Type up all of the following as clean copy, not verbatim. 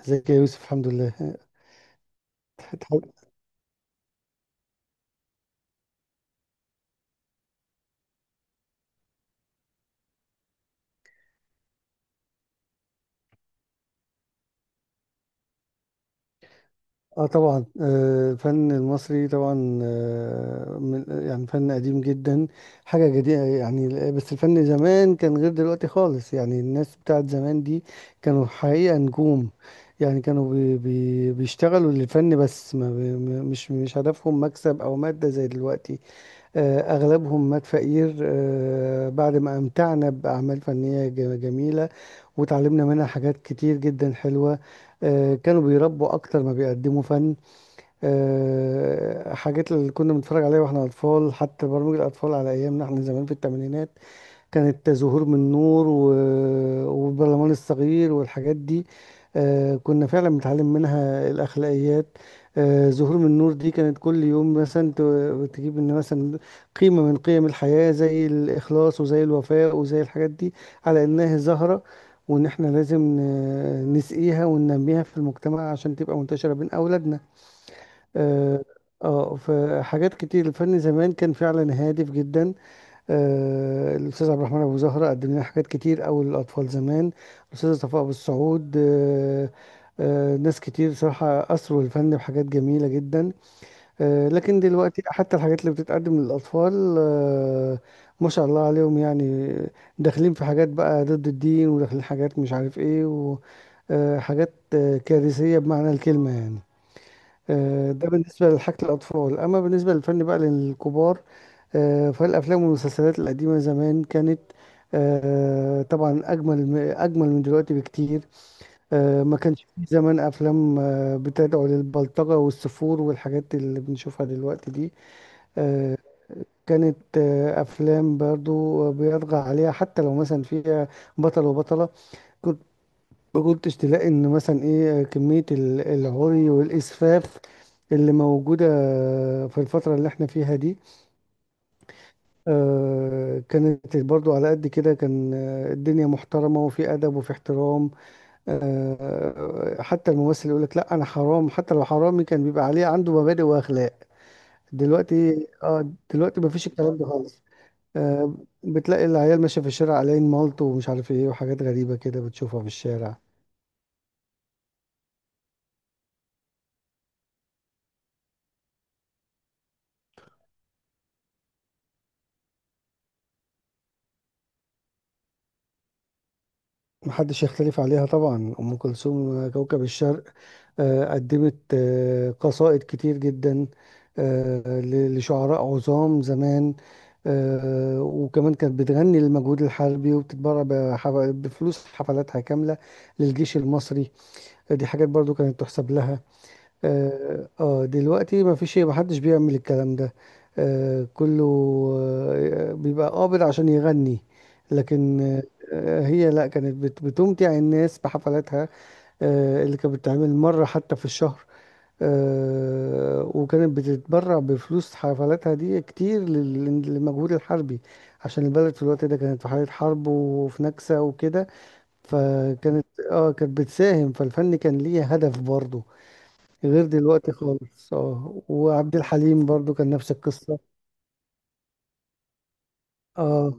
ازيك يا يوسف، الحمد لله. تحاول- اه طبعا. الفن المصري طبعا، من يعني فن قديم جدا، حاجة جديدة يعني. بس الفن زمان كان غير دلوقتي خالص يعني. الناس بتاعت زمان دي كانوا حقيقة نجوم. يعني كانوا بي بي بيشتغلوا للفن بس، ما بي م- مش هدفهم مكسب أو مادة زي دلوقتي. أغلبهم مات فقير، بعد ما أمتعنا بأعمال فنية جميلة، وتعلمنا منها حاجات كتير جدا حلوة. كانوا بيربوا أكتر ما بيقدموا فن. حاجات اللي كنا بنتفرج عليها واحنا أطفال، حتى برامج الأطفال على أيامنا احنا زمان في الثمانينات، كانت زهور من نور و... والبرلمان الصغير والحاجات دي. كنا فعلا بنتعلم منها الأخلاقيات. زهور من نور دي كانت كل يوم مثلا تجيب ان مثلا قيمة من قيم الحياة زي الإخلاص وزي الوفاء وزي الحاجات دي، على إنها زهرة، وإن إحنا لازم نسقيها وننميها في المجتمع عشان تبقى منتشرة بين أولادنا. اه. فحاجات كتير، الفن زمان كان فعلا هادف جدا. الأستاذ عبد الرحمن أبو زهرة قدم لنا حاجات كتير أوي للأطفال زمان. الأستاذة صفاء أبو السعود، ناس كتير صراحة أثروا الفن بحاجات جميلة جدا. لكن دلوقتي حتى الحاجات اللي بتتقدم للأطفال، ما شاء الله عليهم يعني، داخلين في حاجات بقى ضد الدين، وداخلين حاجات مش عارف إيه، وحاجات كارثية بمعنى الكلمة يعني. ده بالنسبة لحاجة الأطفال. أما بالنسبة للفن بقى للكبار، فالأفلام والمسلسلات القديمة زمان كانت طبعا أجمل أجمل من دلوقتي بكتير. ما كانش في زمان أفلام بتدعو للبلطجة والسفور والحاجات اللي بنشوفها دلوقتي دي. آه، كانت أفلام برضو بيطغى عليها، حتى لو مثلا فيها بطل وبطلة، ما كنتش تلاقي ان مثلا ايه كمية العري والاسفاف اللي موجودة في الفترة اللي احنا فيها دي. كانت برضو على قد كده، كان الدنيا محترمة وفي أدب وفي احترام. حتى الممثل يقول لك لا أنا حرام، حتى لو حرامي كان بيبقى عليه عنده مبادئ وأخلاق. دلوقتي مفيش الكلام ده خالص. آه، بتلاقي العيال ماشية في الشارع على مالطو ومش عارف ايه، وحاجات غريبة كده بتشوفها في الشارع. محدش يختلف عليها طبعا، أم كلثوم كوكب الشرق. قدمت قصائد كتير جدا، لشعراء عظام زمان. وكمان كانت بتغني للمجهود الحربي، وبتتبرع بفلوس حفلاتها كاملة للجيش المصري. دي حاجات برضو كانت تحسب لها. اه، دلوقتي ما فيش محدش بيعمل الكلام ده. كله بيبقى قابض عشان يغني. لكن هي لا، كانت بتمتع الناس بحفلاتها اللي كانت بتتعمل مرة حتى في الشهر. وكانت بتتبرع بفلوس حفلاتها دي كتير للمجهود الحربي، عشان البلد في الوقت ده كانت في حالة حرب وفي نكسة وكده. فكانت، اه كانت بتساهم. فالفن كان ليه هدف برضه، غير دلوقتي خالص. اه وعبد الحليم برضو كان نفس القصة. اه،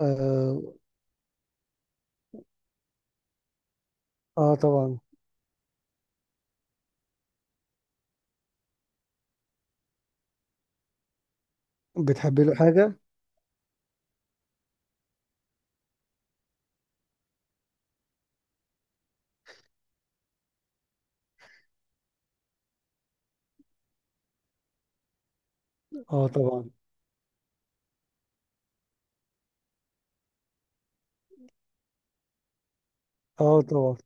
اه، طبعا. بتحب له حاجة؟ اه طبعا. اه طبعا.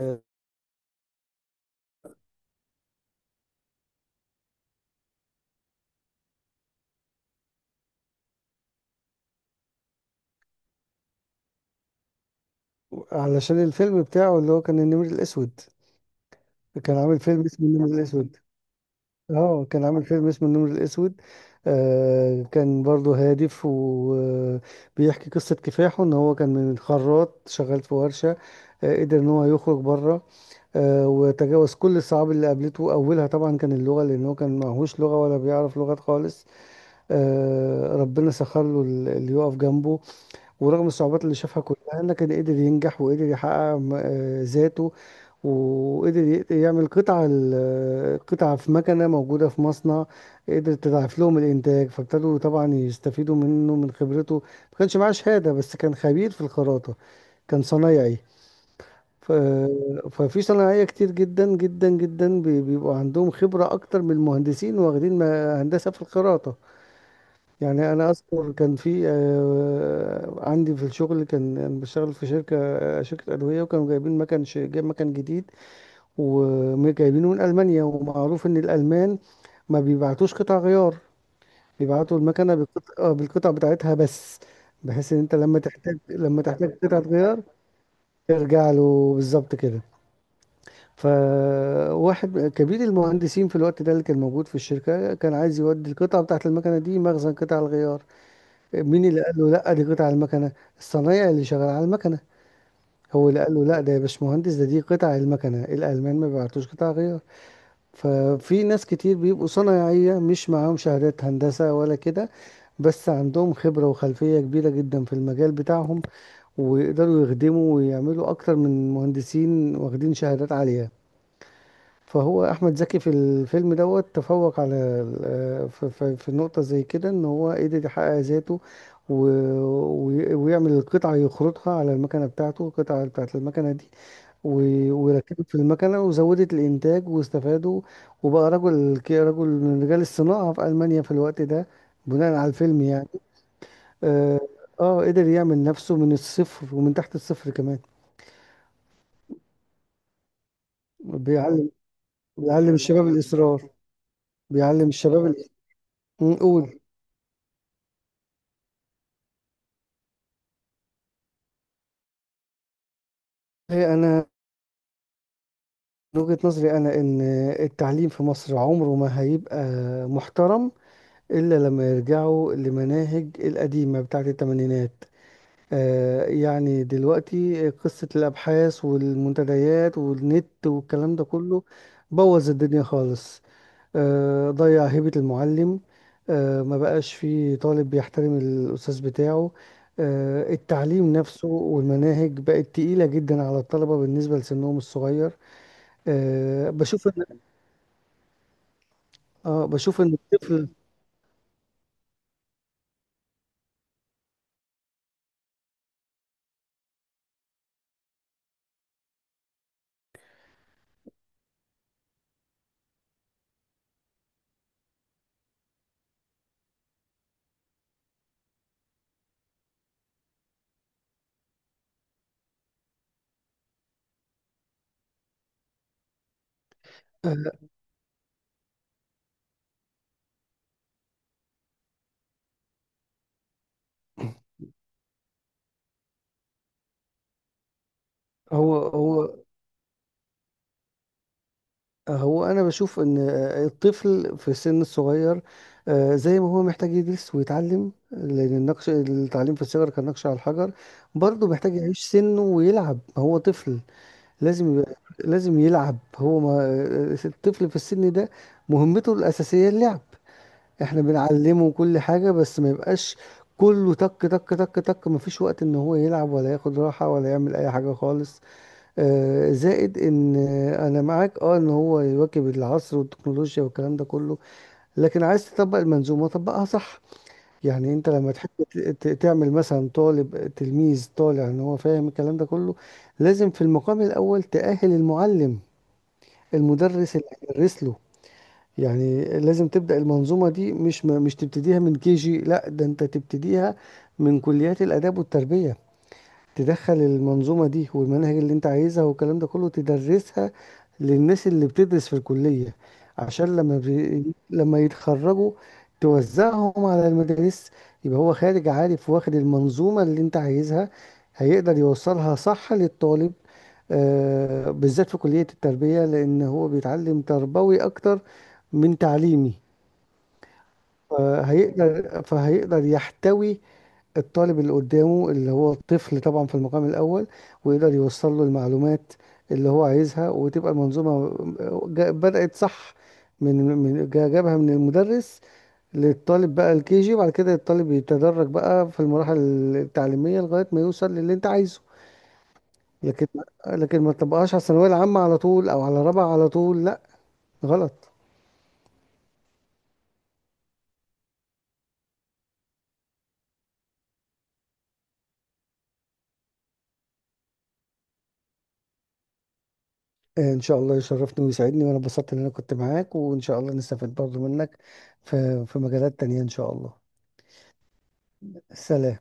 آه علشان الفيلم بتاعه اللي هو كان النمر الأسود. كان عامل فيلم اسمه النمر الأسود. اه كان عامل فيلم اسمه النمر الأسود. كان برضو هادف، وبيحكي قصة كفاحه ان هو كان من خراط شغال في ورشة. قدر ان هو يخرج بره. وتجاوز كل الصعاب اللي قابلته، أولها طبعا كان اللغة، لأن هو كان معهوش لغة ولا بيعرف لغات خالص. ربنا سخر له اللي يقف جنبه. ورغم الصعوبات اللي شافها كلها، لكن قدر ينجح، وقدر يحقق ذاته. وقدر يعمل قطعة قطعة في مكنة موجودة في مصنع، قدر تضاعف لهم الإنتاج، فابتدوا طبعا يستفيدوا منه من خبرته. ما كانش معاه شهادة، بس كان خبير في الخراطة، كان صنايعي. ف... ففي صناعية كتير جدا جدا جدا بيبقوا عندهم خبرة أكتر من المهندسين واخدين هندسة في الخراطة. يعني أنا أذكر، كان في عندي في الشغل، كان أنا بشتغل في شركة شركة أدوية، وكانوا جايبين مكان جايب مكان جديد، وجايبينه من ألمانيا. ومعروف إن الألمان ما بيبعتوش قطع غيار، بيبعتوا المكنة بالقطع، بالقطع بتاعتها بس، بحيث إن أنت لما تحتاج قطعة غيار ترجع له بالظبط كده. فواحد كبير المهندسين في الوقت ده اللي كان موجود في الشركة، كان عايز يودي القطعة بتاعت المكنة دي مخزن قطع الغيار. مين اللي قال له لا دي قطع المكنة؟ الصنايعي اللي شغال على المكنة هو اللي قال له لا ده يا باشمهندس، دي قطع المكنة، الألمان ما بيبعتوش قطع غيار. ففي ناس كتير بيبقوا صنايعية مش معاهم شهادات هندسة ولا كده، بس عندهم خبرة وخلفية كبيرة جدا في المجال بتاعهم، ويقدروا يخدموا ويعملوا أكتر من مهندسين واخدين شهادات عالية. فهو احمد زكي في الفيلم دوت تفوق على في نقطه زي كده، ان هو قدر يحقق ذاته، و- ويعمل القطعه، يخرطها على المكنه بتاعته، القطعه بتاعت المكنه دي، وركبت في المكنه وزودت الانتاج، واستفادوا. وبقى رجل رجل من رجال الصناعه في المانيا في الوقت ده، بناء على الفيلم يعني. اه، قدر يعمل نفسه من الصفر ومن تحت الصفر كمان. بيعلم بيعلم الشباب الاصرار. بيعلم الشباب قول. هي انا، من وجهة نظري أنا إن التعليم في مصر عمره ما هيبقى محترم، إلا لما يرجعوا لمناهج القديمة بتاعة التمانينات. يعني دلوقتي قصة الأبحاث والمنتديات والنت والكلام ده كله، بوظ الدنيا خالص. ضيع هيبة المعلم. ما بقاش فيه طالب بيحترم الأستاذ بتاعه. التعليم نفسه والمناهج بقت تقيلة جدا على الطلبة بالنسبة لسنهم الصغير. آه، بشوف اه بشوف ان الطفل، آه، هو هو هو انا بشوف ان الطفل في السن الصغير، زي ما هو محتاج يدرس ويتعلم، لان النقش التعليم في الصغر كالنقش على الحجر، برضه محتاج يعيش سنه ويلعب هو طفل. لازم يبقى- لازم يلعب هو ما. الطفل في السن ده مهمته الاساسيه اللعب. احنا بنعلمه كل حاجه بس ما يبقاش كله تك تك تك تك، مفيش وقت ان هو يلعب ولا ياخد راحه ولا يعمل اي حاجه خالص. زائد ان انا معاك اه ان هو يواكب العصر والتكنولوجيا والكلام ده كله، لكن عايز تطبق المنظومه طبقها صح. يعني انت لما تحب تعمل مثلا طالب تلميذ طالع ان هو فاهم الكلام ده كله، لازم في المقام الاول تأهل المعلم، المدرس اللي هيدرس له. يعني لازم تبدأ المنظومه دي، مش مش تبتديها من كي جي، لا، ده انت تبتديها من كليات الاداب والتربيه. تدخل المنظومة دي والمناهج اللي انت عايزها والكلام ده كله، تدرسها للناس اللي بتدرس في الكلية، عشان لما يتخرجوا توزعهم على المدارس، يبقى هو خارج عارف واخد المنظومة اللي انت عايزها، هيقدر يوصلها صح للطالب. بالذات في كلية التربية، لأن هو بيتعلم تربوي أكتر من تعليمي. فهيقدر يحتوي الطالب اللي قدامه، اللي هو الطفل طبعا في المقام الأول، ويقدر يوصل له المعلومات اللي هو عايزها، وتبقى المنظومة بدأت صح من جابها من المدرس للطالب بقى الكي جي، وبعد كده الطالب يتدرج بقى في المراحل التعليمية لغاية ما يوصل للي انت عايزه. لكن لكن ما تبقاش على الثانوية العامة على طول، او على رابعة على طول، لا، غلط. ان شاء الله يشرفني ويسعدني، وانا اتبسطت ان انا كنت معاك، وان شاء الله نستفيد برضو منك في مجالات تانية ان شاء الله. سلام.